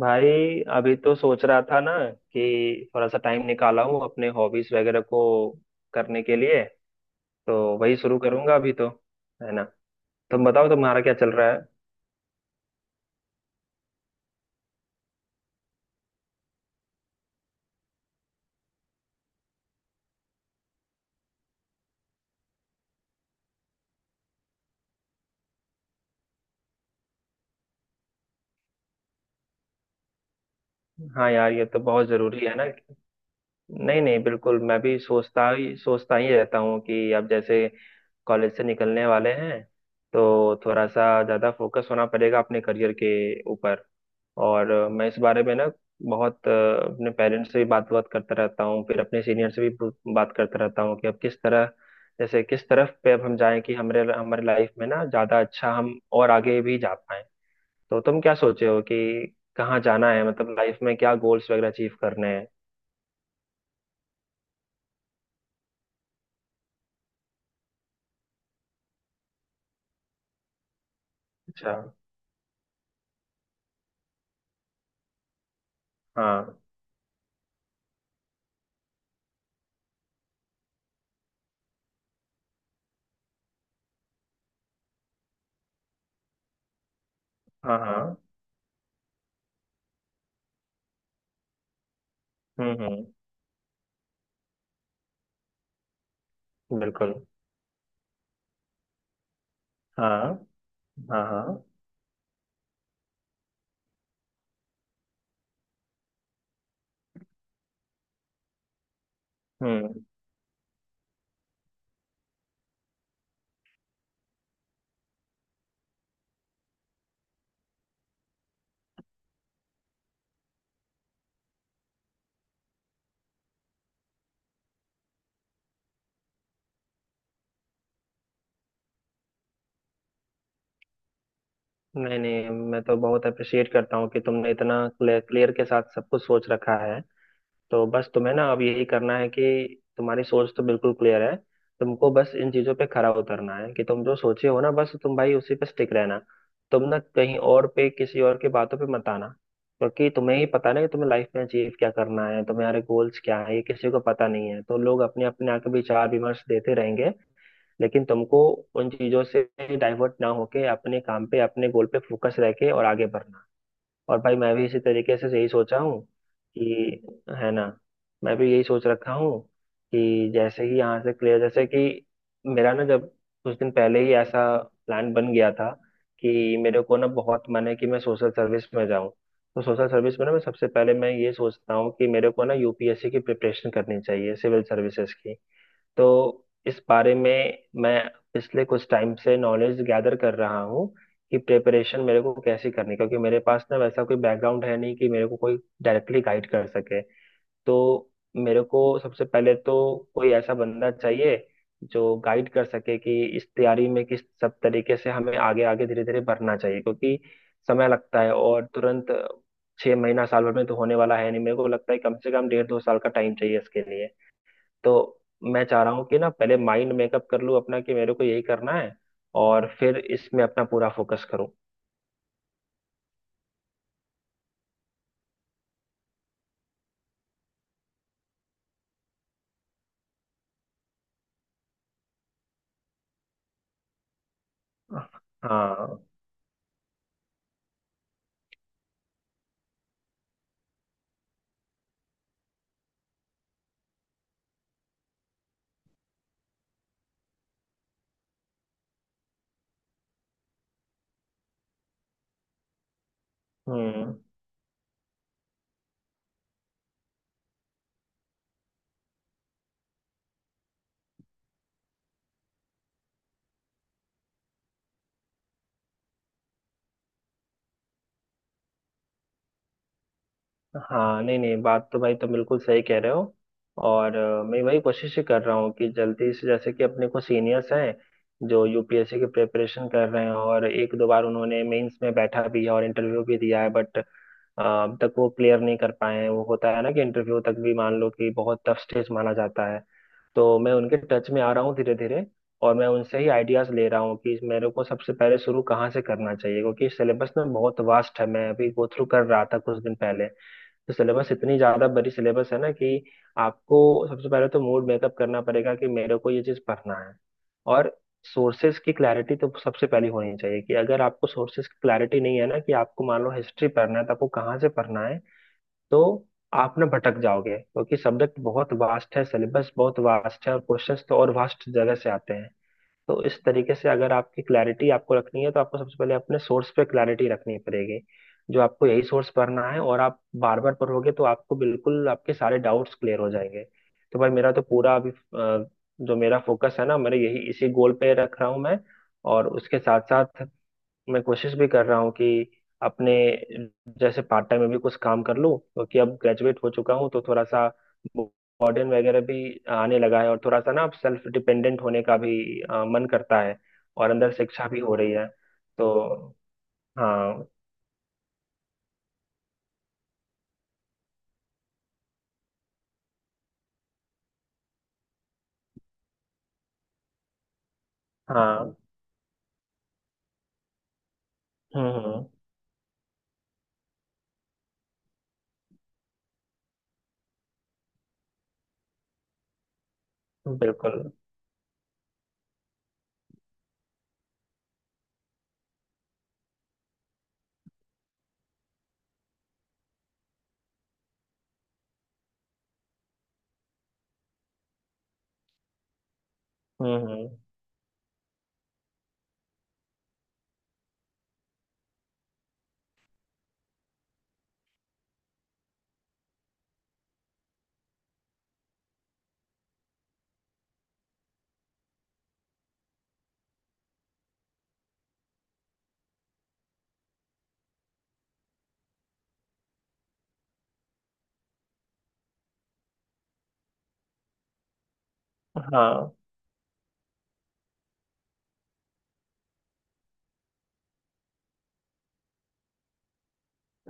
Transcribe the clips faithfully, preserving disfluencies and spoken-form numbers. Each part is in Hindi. भाई अभी तो सोच रहा था ना कि थोड़ा सा टाइम निकाला हूँ अपने हॉबीज वगैरह को करने के लिए। तो वही शुरू करूंगा अभी तो, है ना। तुम बताओ तुम्हारा क्या चल रहा है। हाँ यार, ये तो बहुत जरूरी है ना। नहीं नहीं, बिल्कुल, मैं भी सोचता ही सोचता ही रहता हूँ कि अब जैसे कॉलेज से निकलने वाले हैं, तो थोड़ा सा ज्यादा फोकस होना पड़ेगा अपने करियर के ऊपर। और अ, मैं इस बारे में ना बहुत अ, अपने पेरेंट्स से भी बात बात करता रहता हूँ, फिर अपने सीनियर से भी पू- बात करता रहता हूँ कि अब किस तरह, जैसे किस तरफ पे अब हम जाएं कि हमारे हमारे लाइफ में ना ज्यादा अच्छा हम और आगे भी जा पाएं। तो तुम क्या सोचे हो कि कहाँ जाना है, मतलब लाइफ में क्या गोल्स वगैरह अचीव करने हैं। अच्छा। हाँ हाँ हाँ। हम्म हम्म। बिल्कुल। हाँ हाँ हाँ। हम्म। नहीं नहीं, मैं तो बहुत अप्रिशिएट करता हूँ कि तुमने इतना क्लियर के साथ सब कुछ सोच रखा है। तो बस तुम्हें ना अब यही करना है कि तुम्हारी सोच तो बिल्कुल क्लियर है, तुमको बस इन चीजों पे खरा उतरना है कि तुम जो सोचे हो ना, बस तुम भाई उसी पे स्टिक रहना। तुम ना कहीं और पे किसी और की बातों पे मत आना, क्योंकि तुम्हें ही पता ना कि तुम्हें लाइफ में अचीव क्या करना है, तुम्हारे गोल्स क्या है, ये किसी को पता नहीं है। तो लोग अपने अपने आके विचार विमर्श देते रहेंगे, लेकिन तुमको उन चीजों से डाइवर्ट ना होके अपने काम पे अपने गोल पे फोकस रह के और आगे बढ़ना। और भाई मैं भी इसी तरीके से यही सोचा हूँ कि, है ना, मैं भी यही सोच रखा हूँ कि जैसे ही यहाँ से क्लियर, जैसे कि मेरा ना, जब कुछ दिन पहले ही ऐसा प्लान बन गया था कि मेरे को ना बहुत मन है कि मैं सोशल सर्विस में जाऊँ। तो सोशल सर्विस में ना, मैं सबसे पहले मैं ये सोचता हूँ कि मेरे को ना यूपीएससी की प्रिपरेशन करनी चाहिए, सिविल सर्विसेज की। तो इस बारे में मैं पिछले कुछ टाइम से नॉलेज गैदर कर रहा हूँ कि प्रिपरेशन मेरे को कैसे करनी है, क्योंकि मेरे पास ना वैसा कोई बैकग्राउंड है नहीं कि मेरे को कोई डायरेक्टली गाइड कर सके। तो मेरे को सबसे पहले तो कोई ऐसा बंदा चाहिए जो गाइड कर सके कि इस तैयारी में किस सब तरीके से हमें आगे आगे धीरे धीरे बढ़ना चाहिए, क्योंकि समय लगता है और तुरंत छह महीना साल भर में तो होने वाला है नहीं। मेरे को लगता है कम से कम डेढ़ दो साल का टाइम चाहिए इसके लिए। तो मैं चाह रहा हूँ कि ना पहले माइंड मेकअप कर लूँ अपना कि मेरे को यही करना है, और फिर इसमें अपना पूरा फोकस करूँ। हाँ। हम्म। हाँ नहीं नहीं, बात तो भाई तुम बिल्कुल सही कह रहे हो। और अ, मैं वही कोशिश ही कर रहा हूँ कि जल्दी से, जैसे कि अपने को सीनियर्स हैं जो यूपीएससी की प्रिपरेशन कर रहे हैं और एक दो बार उन्होंने मेंस में बैठा भी है और इंटरव्यू भी दिया है, बट अब तक वो क्लियर नहीं कर पाए हैं। वो होता है ना कि इंटरव्यू तक भी मान लो कि बहुत टफ स्टेज माना जाता है। तो मैं उनके टच में आ रहा हूँ धीरे धीरे, और मैं उनसे ही आइडियाज ले रहा हूँ कि मेरे को सबसे पहले शुरू कहाँ से करना चाहिए, क्योंकि सिलेबस ना बहुत वास्ट है। मैं अभी गो थ्रू कर रहा था कुछ दिन पहले। तो सिलेबस इतनी ज्यादा बड़ी सिलेबस है ना कि आपको सबसे पहले तो मूड मेकअप करना पड़ेगा कि मेरे को ये चीज पढ़ना है। और सोर्सेज की क्लैरिटी तो सबसे पहली होनी चाहिए, कि अगर आपको सोर्सेज की क्लैरिटी नहीं है ना, कि आपको मान लो हिस्ट्री पढ़ना है तो आपको कहाँ से पढ़ना है, तो आप ना भटक जाओगे, क्योंकि सब्जेक्ट बहुत वास्ट है, सिलेबस बहुत वास्ट है, और क्वेश्चंस तो और वास्ट जगह से आते हैं। तो इस तरीके से अगर आपकी क्लैरिटी आपको रखनी है तो आपको सबसे पहले अपने सोर्स पे क्लैरिटी रखनी पड़ेगी, जो आपको यही सोर्स पढ़ना है और आप बार बार पढ़ोगे तो आपको बिल्कुल आपके सारे डाउट्स क्लियर हो जाएंगे। तो भाई मेरा तो पूरा अभी अ, जो मेरा फोकस है ना, मेरे यही इसी गोल पे रख रहा हूँ मैं। और उसके साथ साथ मैं कोशिश भी कर रहा हूँ कि अपने जैसे पार्ट टाइम में भी कुछ काम कर लूँ, क्योंकि अब ग्रेजुएट हो चुका हूँ तो थोड़ा सा बर्डन वगैरह भी आने लगा है, और थोड़ा सा ना अब सेल्फ डिपेंडेंट होने का भी अ, मन करता है। और अंदर शिक्षा भी हो रही है तो। हाँ हाँ। हम्म हम्म। बिल्कुल। हम्म हम्म। हाँ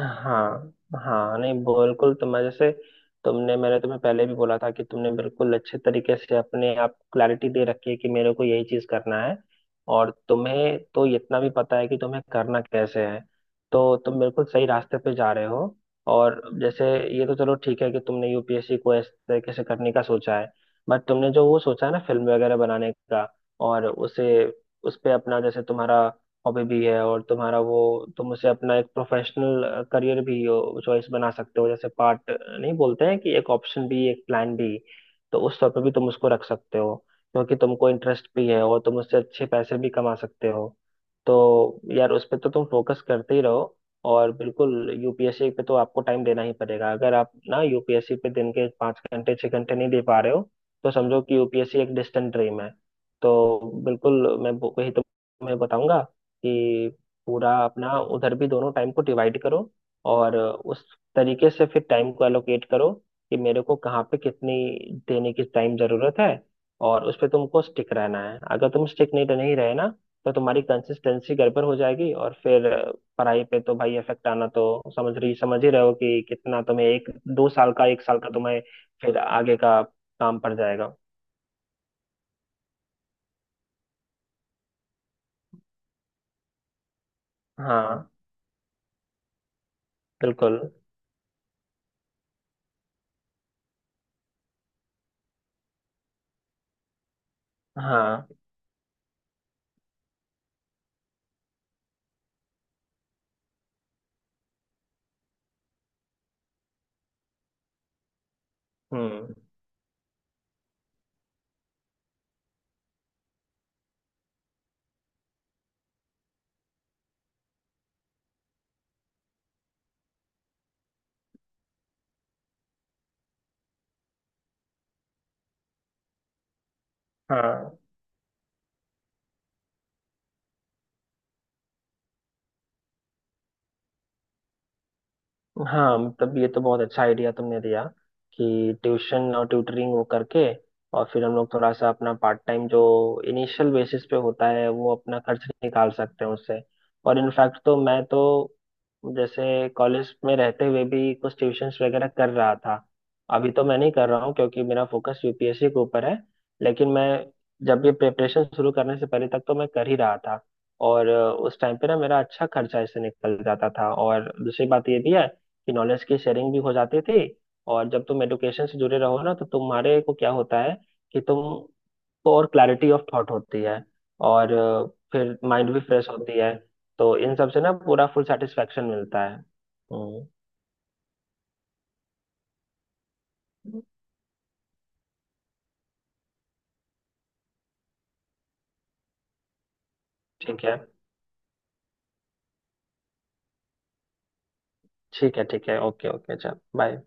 हाँ हाँ। नहीं बिल्कुल, तो मैं जैसे, तुमने मैंने तुम्हें पहले भी बोला था कि तुमने बिल्कुल अच्छे तरीके से अपने आप क्लैरिटी दे रखी है कि मेरे को यही चीज करना है। और तुम्हें तो इतना भी पता है कि तुम्हें करना कैसे है, तो तुम बिल्कुल सही रास्ते पे जा रहे हो। और जैसे, ये तो चलो ठीक है कि तुमने यूपीएससी को इस तरीके से करने का सोचा है, बट तुमने जो वो सोचा है ना फिल्म वगैरह बनाने का, और उसे, उस पे अपना, जैसे तुम्हारा हॉबी भी है और तुम्हारा वो, तुम उसे अपना एक प्रोफेशनल करियर भी चॉइस बना सकते हो, जैसे पार्ट नहीं बोलते हैं कि एक ऑप्शन भी एक प्लान भी। तो उस तौर पे भी तुम उसको रख सकते हो, क्योंकि तुमको इंटरेस्ट भी है और तुम उससे अच्छे पैसे भी कमा सकते हो। तो यार उस पर तो तुम फोकस करते ही रहो। और बिल्कुल यूपीएससी पे तो आपको टाइम देना ही पड़ेगा, अगर आप ना यूपीएससी पे दिन के पाँच घंटे छः घंटे नहीं दे पा रहे हो, तो समझो कि यूपीएससी एक डिस्टेंट ड्रीम है। तो बिल्कुल मैं वो- वही तुम्हें बताऊंगा कि पूरा अपना उधर भी दोनों टाइम को डिवाइड करो, और उस तरीके से फिर टाइम को एलोकेट करो कि मेरे को कहाँ पे कितनी देने की टाइम जरूरत है। और उस पे तुमको स्टिक रहना है, अगर तुम स्टिक नहीं नहीं रहे ना, तो तुम्हारी कंसिस्टेंसी गड़बड़ हो जाएगी, और फिर पढ़ाई पे तो भाई इफेक्ट आना तो समझ रही समझ ही रहे हो कि कितना तुम्हें एक दो साल का एक साल का तुम्हें फिर आगे का काम पड़ जाएगा। हाँ। बिल्कुल। हाँ। हम्म। हाँ हाँ, मतलब ये तो बहुत अच्छा आइडिया तुमने दिया कि ट्यूशन और ट्यूटरिंग वो करके, और फिर हम लोग थोड़ा सा अपना पार्ट टाइम जो इनिशियल बेसिस पे होता है वो अपना खर्च निकाल सकते हैं उससे। और इनफैक्ट तो मैं तो जैसे कॉलेज में रहते हुए भी कुछ ट्यूशंस वगैरह कर रहा था। अभी तो मैं नहीं कर रहा हूँ क्योंकि मेरा फोकस यूपीएससी के ऊपर है, लेकिन मैं जब ये प्रिपरेशन शुरू करने से पहले तक तो मैं कर ही रहा था। और अ, उस टाइम पे ना मेरा अच्छा खर्चा इससे निकल जाता था, और दूसरी बात ये भी है कि नॉलेज की शेयरिंग भी हो जाती थी। और जब तुम एडुकेशन से जुड़े रहो ना, तो तुम्हारे को क्या होता है कि तुमको और क्लैरिटी ऑफ थॉट होती है, और अ, फिर माइंड भी फ्रेश होती है। तो इन सब से ना पूरा फुल सेटिस्फेक्शन मिलता है। हम्म, ठीक है ठीक है। ठीक है। ओके ओके, चल बाय।